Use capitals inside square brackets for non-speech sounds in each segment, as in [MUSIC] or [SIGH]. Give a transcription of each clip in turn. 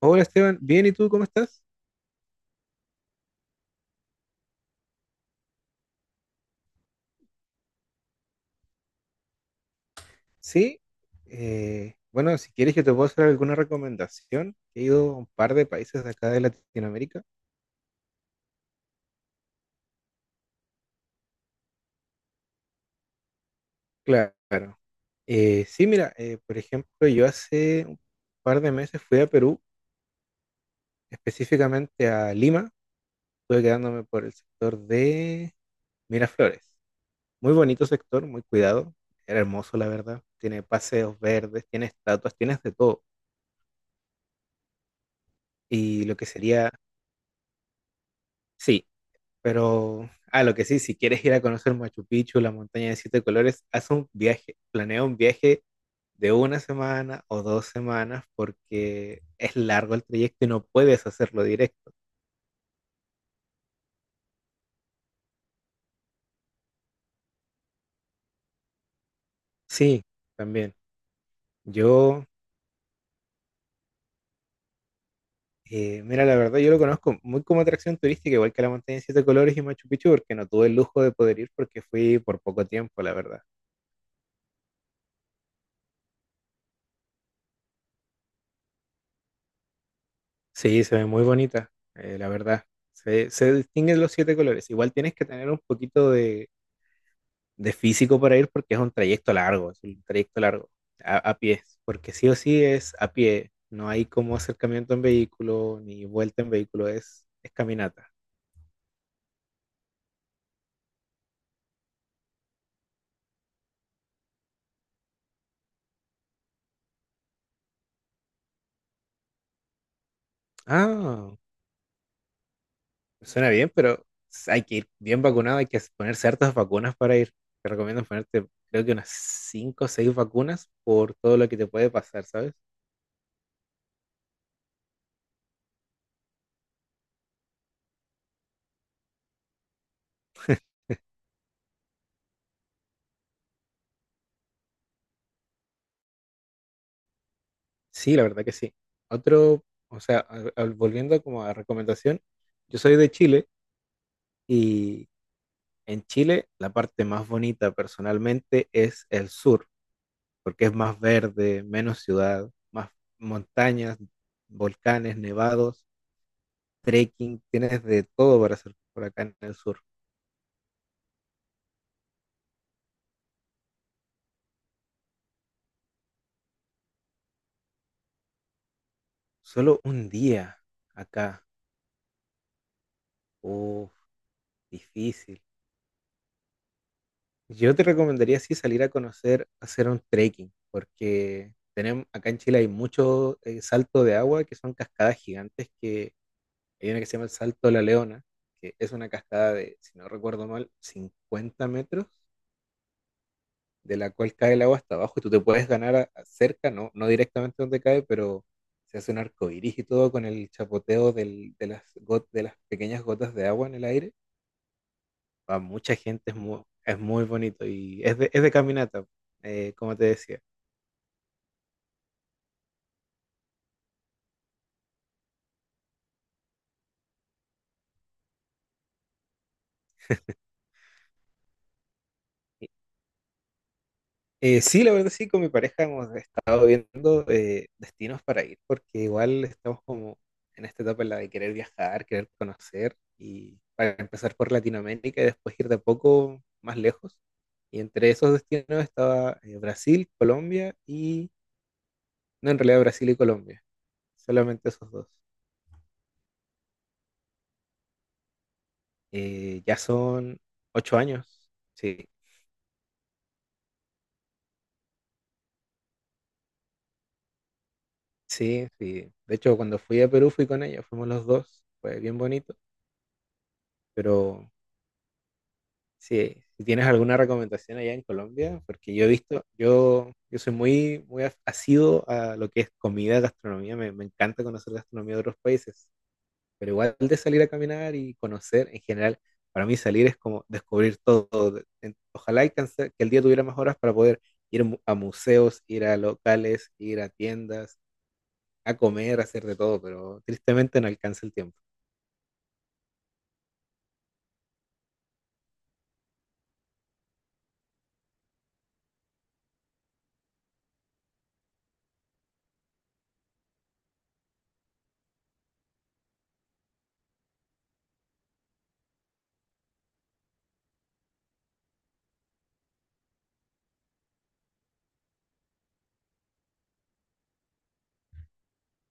Hola Esteban, bien, ¿y tú cómo estás? Sí, bueno, si quieres yo te puedo hacer alguna recomendación. He ido a un par de países de acá de Latinoamérica. Claro. Sí, mira, por ejemplo, yo hace un par de meses fui a Perú, específicamente a Lima. Estuve quedándome por el sector de Miraflores. Muy bonito sector, muy cuidado. Era hermoso, la verdad. Tiene paseos verdes, tiene estatuas, tienes de todo. Y lo que sería, sí. Pero, ah, lo que sí, si quieres ir a conocer Machu Picchu, la montaña de siete colores, haz un viaje, planea un viaje de una semana o 2 semanas porque es largo el trayecto y no puedes hacerlo directo. Sí, también. Yo, mira, la verdad, yo lo conozco muy como atracción turística, igual que la montaña de siete colores y Machu Picchu, porque no tuve el lujo de poder ir porque fui por poco tiempo, la verdad. Sí, se ve muy bonita, la verdad. Se distinguen los siete colores. Igual tienes que tener un poquito de físico para ir porque es un trayecto largo, es un trayecto largo a pie, porque sí o sí es a pie, no hay como acercamiento en vehículo ni vuelta en vehículo, es caminata. Ah, suena bien, pero hay que ir bien vacunado, hay que poner ciertas vacunas para ir. Te recomiendo ponerte, creo que unas 5 o 6 vacunas por todo lo que te puede pasar, ¿sabes? Sí, la verdad que sí. Otro, o sea, volviendo como a recomendación, yo soy de Chile y en Chile, la parte más bonita personalmente es el sur, porque es más verde, menos ciudad, más montañas, volcanes, nevados, trekking, tienes de todo para hacer por acá en el sur. Solo un día acá, uff, difícil. Yo te recomendaría sí salir a conocer, hacer un trekking, porque tenemos, acá en Chile hay mucho salto de agua que son cascadas gigantes. Que Hay una que se llama el Salto de la Leona, que es una cascada de, si no recuerdo mal, 50 metros, de la cual cae el agua hasta abajo y tú te puedes ganar a cerca, no, no directamente donde cae, pero se hace un arco iris y todo con el chapoteo de, de las pequeñas gotas de agua en el aire. Para mucha gente es muy bonito y es de caminata, como te decía. Sí, la verdad sí, con mi pareja hemos estado viendo destinos para ir, porque igual estamos como en esta etapa en la de querer viajar, querer conocer, y para empezar por Latinoamérica y después ir de a poco más lejos. Y entre esos destinos estaba Brasil, Colombia y, no, en realidad Brasil y Colombia, solamente esos dos. Ya son 8 años, sí, sí, sí. De hecho, cuando fui a Perú fui con ella, fuimos los dos, fue bien bonito, pero. Sí, si tienes alguna recomendación allá en Colombia, porque yo he visto, yo soy muy, muy asiduo a lo que es comida, gastronomía, me encanta conocer gastronomía de otros países, pero igual de salir a caminar y conocer en general, para mí salir es como descubrir todo. Ojalá y que el día tuviera más horas para poder ir a museos, ir a locales, ir a tiendas, a comer, a hacer de todo, pero tristemente no alcanza el tiempo.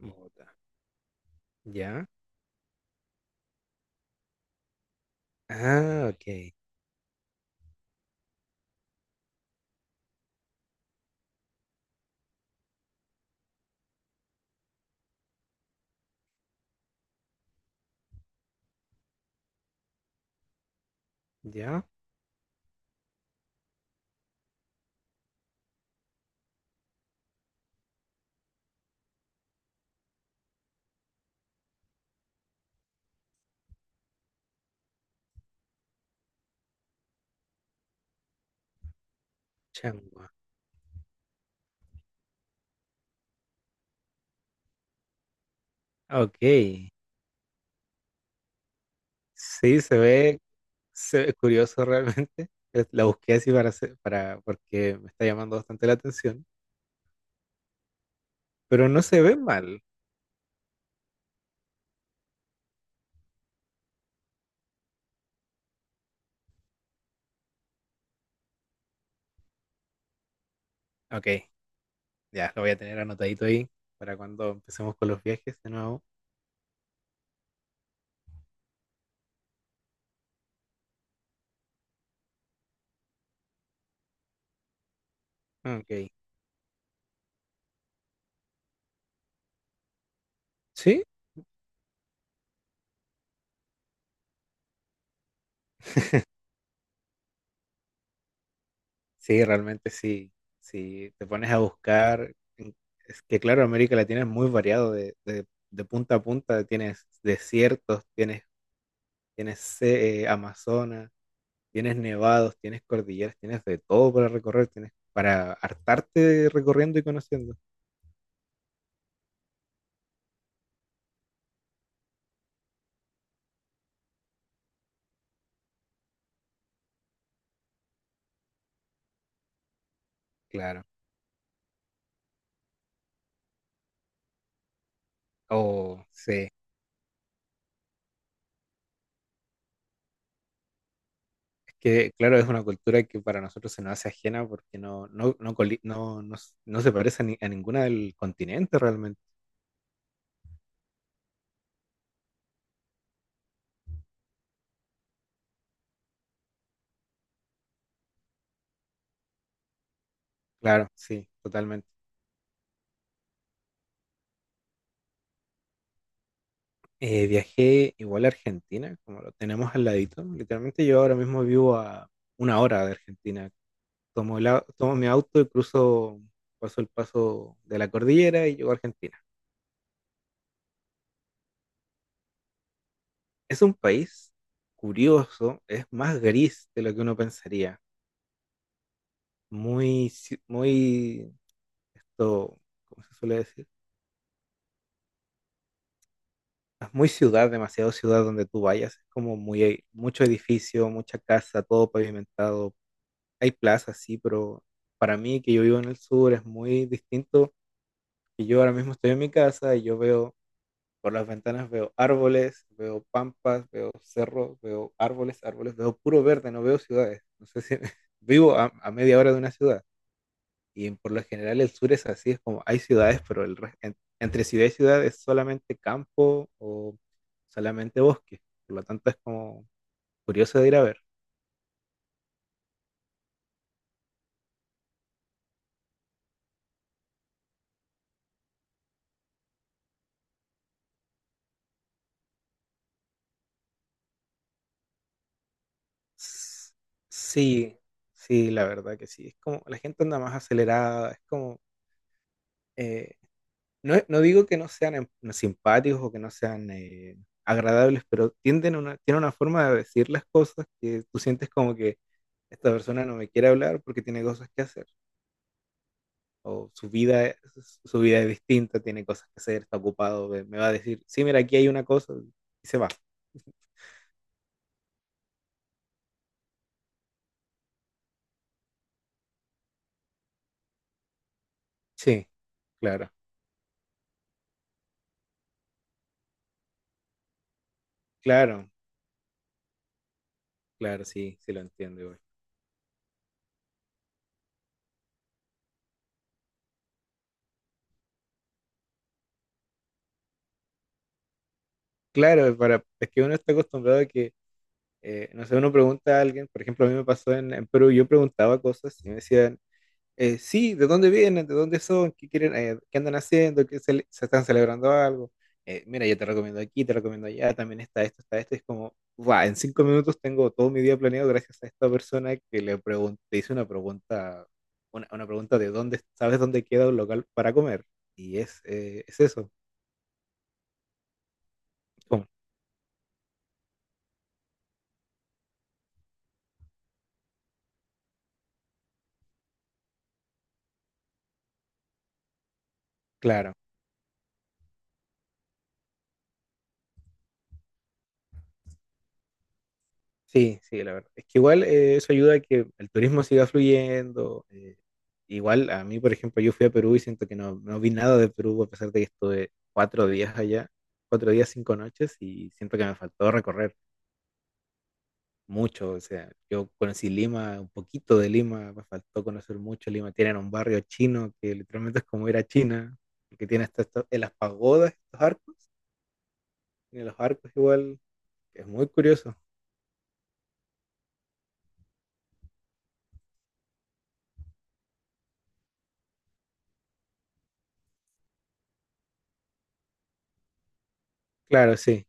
Mota. ¿Ya? Ah, ok. ¿Ya? Changua. Ok. Sí, se ve curioso realmente. [LAUGHS] La busqué así para, porque me está llamando bastante la atención, pero no se ve mal. Ok, ya lo voy a tener anotadito ahí para cuando empecemos con los viajes de nuevo. Ok, sí, sí, realmente sí. Si te pones a buscar, es que claro, América Latina es muy variado de punta a punta. Tienes desiertos, tienes Amazonas. Tienes nevados, tienes cordilleras, tienes de todo para recorrer, tienes para hartarte recorriendo y conociendo. Claro. Oh, sí. Es que, claro, es una cultura que para nosotros se nos hace ajena porque no se parece a, ni- a ninguna del continente realmente. Claro, sí, totalmente. Viajé igual a Argentina, como lo tenemos al ladito. Literalmente yo ahora mismo vivo a una hora de Argentina. Tomo mi auto y cruzo, paso el paso de la cordillera y llego a Argentina. Es un país curioso, es más gris de lo que uno pensaría. Muy, esto, ¿cómo se suele decir? Es muy ciudad, demasiado ciudad donde tú vayas. Es como muy, mucho edificio, mucha casa, todo pavimentado. Hay plazas, sí, pero para mí que yo vivo en el sur es muy distinto. Y yo ahora mismo estoy en mi casa y yo veo Por las ventanas veo árboles, veo pampas, veo cerros, veo árboles, árboles, veo puro verde, no veo ciudades. No sé si [LAUGHS] vivo a media hora de una ciudad. Y por lo general el sur es así, es como hay ciudades, pero entre ciudad y ciudad es solamente campo o solamente bosque. Por lo tanto es como curioso de ir a ver. S- Sí, sí, la verdad que sí. Es como la gente anda más acelerada, es como eh, No, no digo que no sean simpáticos o que no sean agradables, pero tienen una forma de decir las cosas que tú sientes como que esta persona no me quiere hablar porque tiene cosas que hacer, o su vida es distinta, tiene cosas que hacer, está ocupado, me va a decir, sí, mira, aquí hay una cosa, y se va. Sí, claro, claro, claro, sí, sí lo entiendo igual. Claro, es que uno está acostumbrado a que no sé, uno pregunta a alguien, por ejemplo, a mí me pasó en Perú, yo preguntaba cosas y me decían, sí, de dónde vienen, de dónde son, qué quieren, qué andan haciendo, se están celebrando algo. Mira, yo te recomiendo aquí, te recomiendo allá, también está esto, está esto. Es como, va, en 5 minutos tengo todo mi día planeado gracias a esta persona que le pregunté, hice una pregunta, una pregunta de dónde, ¿sabes dónde queda un local para comer? Y es eso. Como, claro. Sí, sí, la verdad. Es que igual eso ayuda a que el turismo siga fluyendo. Igual a mí, por ejemplo, yo fui a Perú y siento que no, no vi nada de Perú a pesar de que estuve 4 días allá, 4 días, 5 noches y siento que me faltó recorrer mucho. O sea, yo conocí Lima, un poquito de Lima, me faltó conocer mucho Lima. Tienen un barrio chino que literalmente es como ir a China, que tiene hasta en las pagodas, estos arcos, en los arcos igual, es muy curioso. Claro, sí.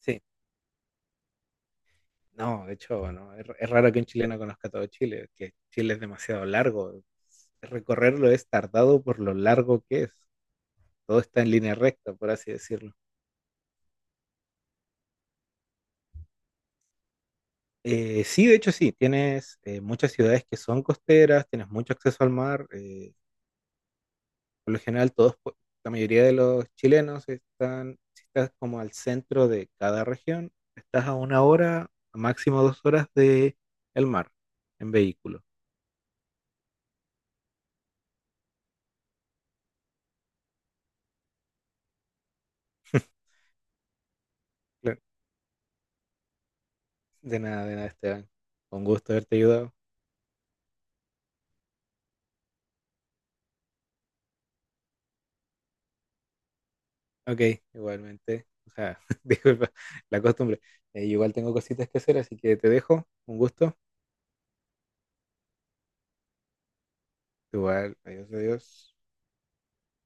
Sí. No, de hecho, no, es raro que un chileno conozca todo Chile, que Chile es demasiado largo. Recorrerlo es tardado por lo largo que es. Todo está en línea recta, por así decirlo. Sí, de hecho sí, tienes muchas ciudades que son costeras, tienes mucho acceso al mar. Por lo general, la mayoría de los chilenos están, si estás como al centro de cada región, estás a una hora, a máximo 2 horas de el mar en vehículo. [LAUGHS] Claro. De nada, Esteban. Con gusto haberte ayudado. Ok, igualmente. O sea, [LAUGHS] disculpa, la costumbre. Igual tengo cositas que hacer, así que te dejo. Un gusto. Igual, adiós, adiós.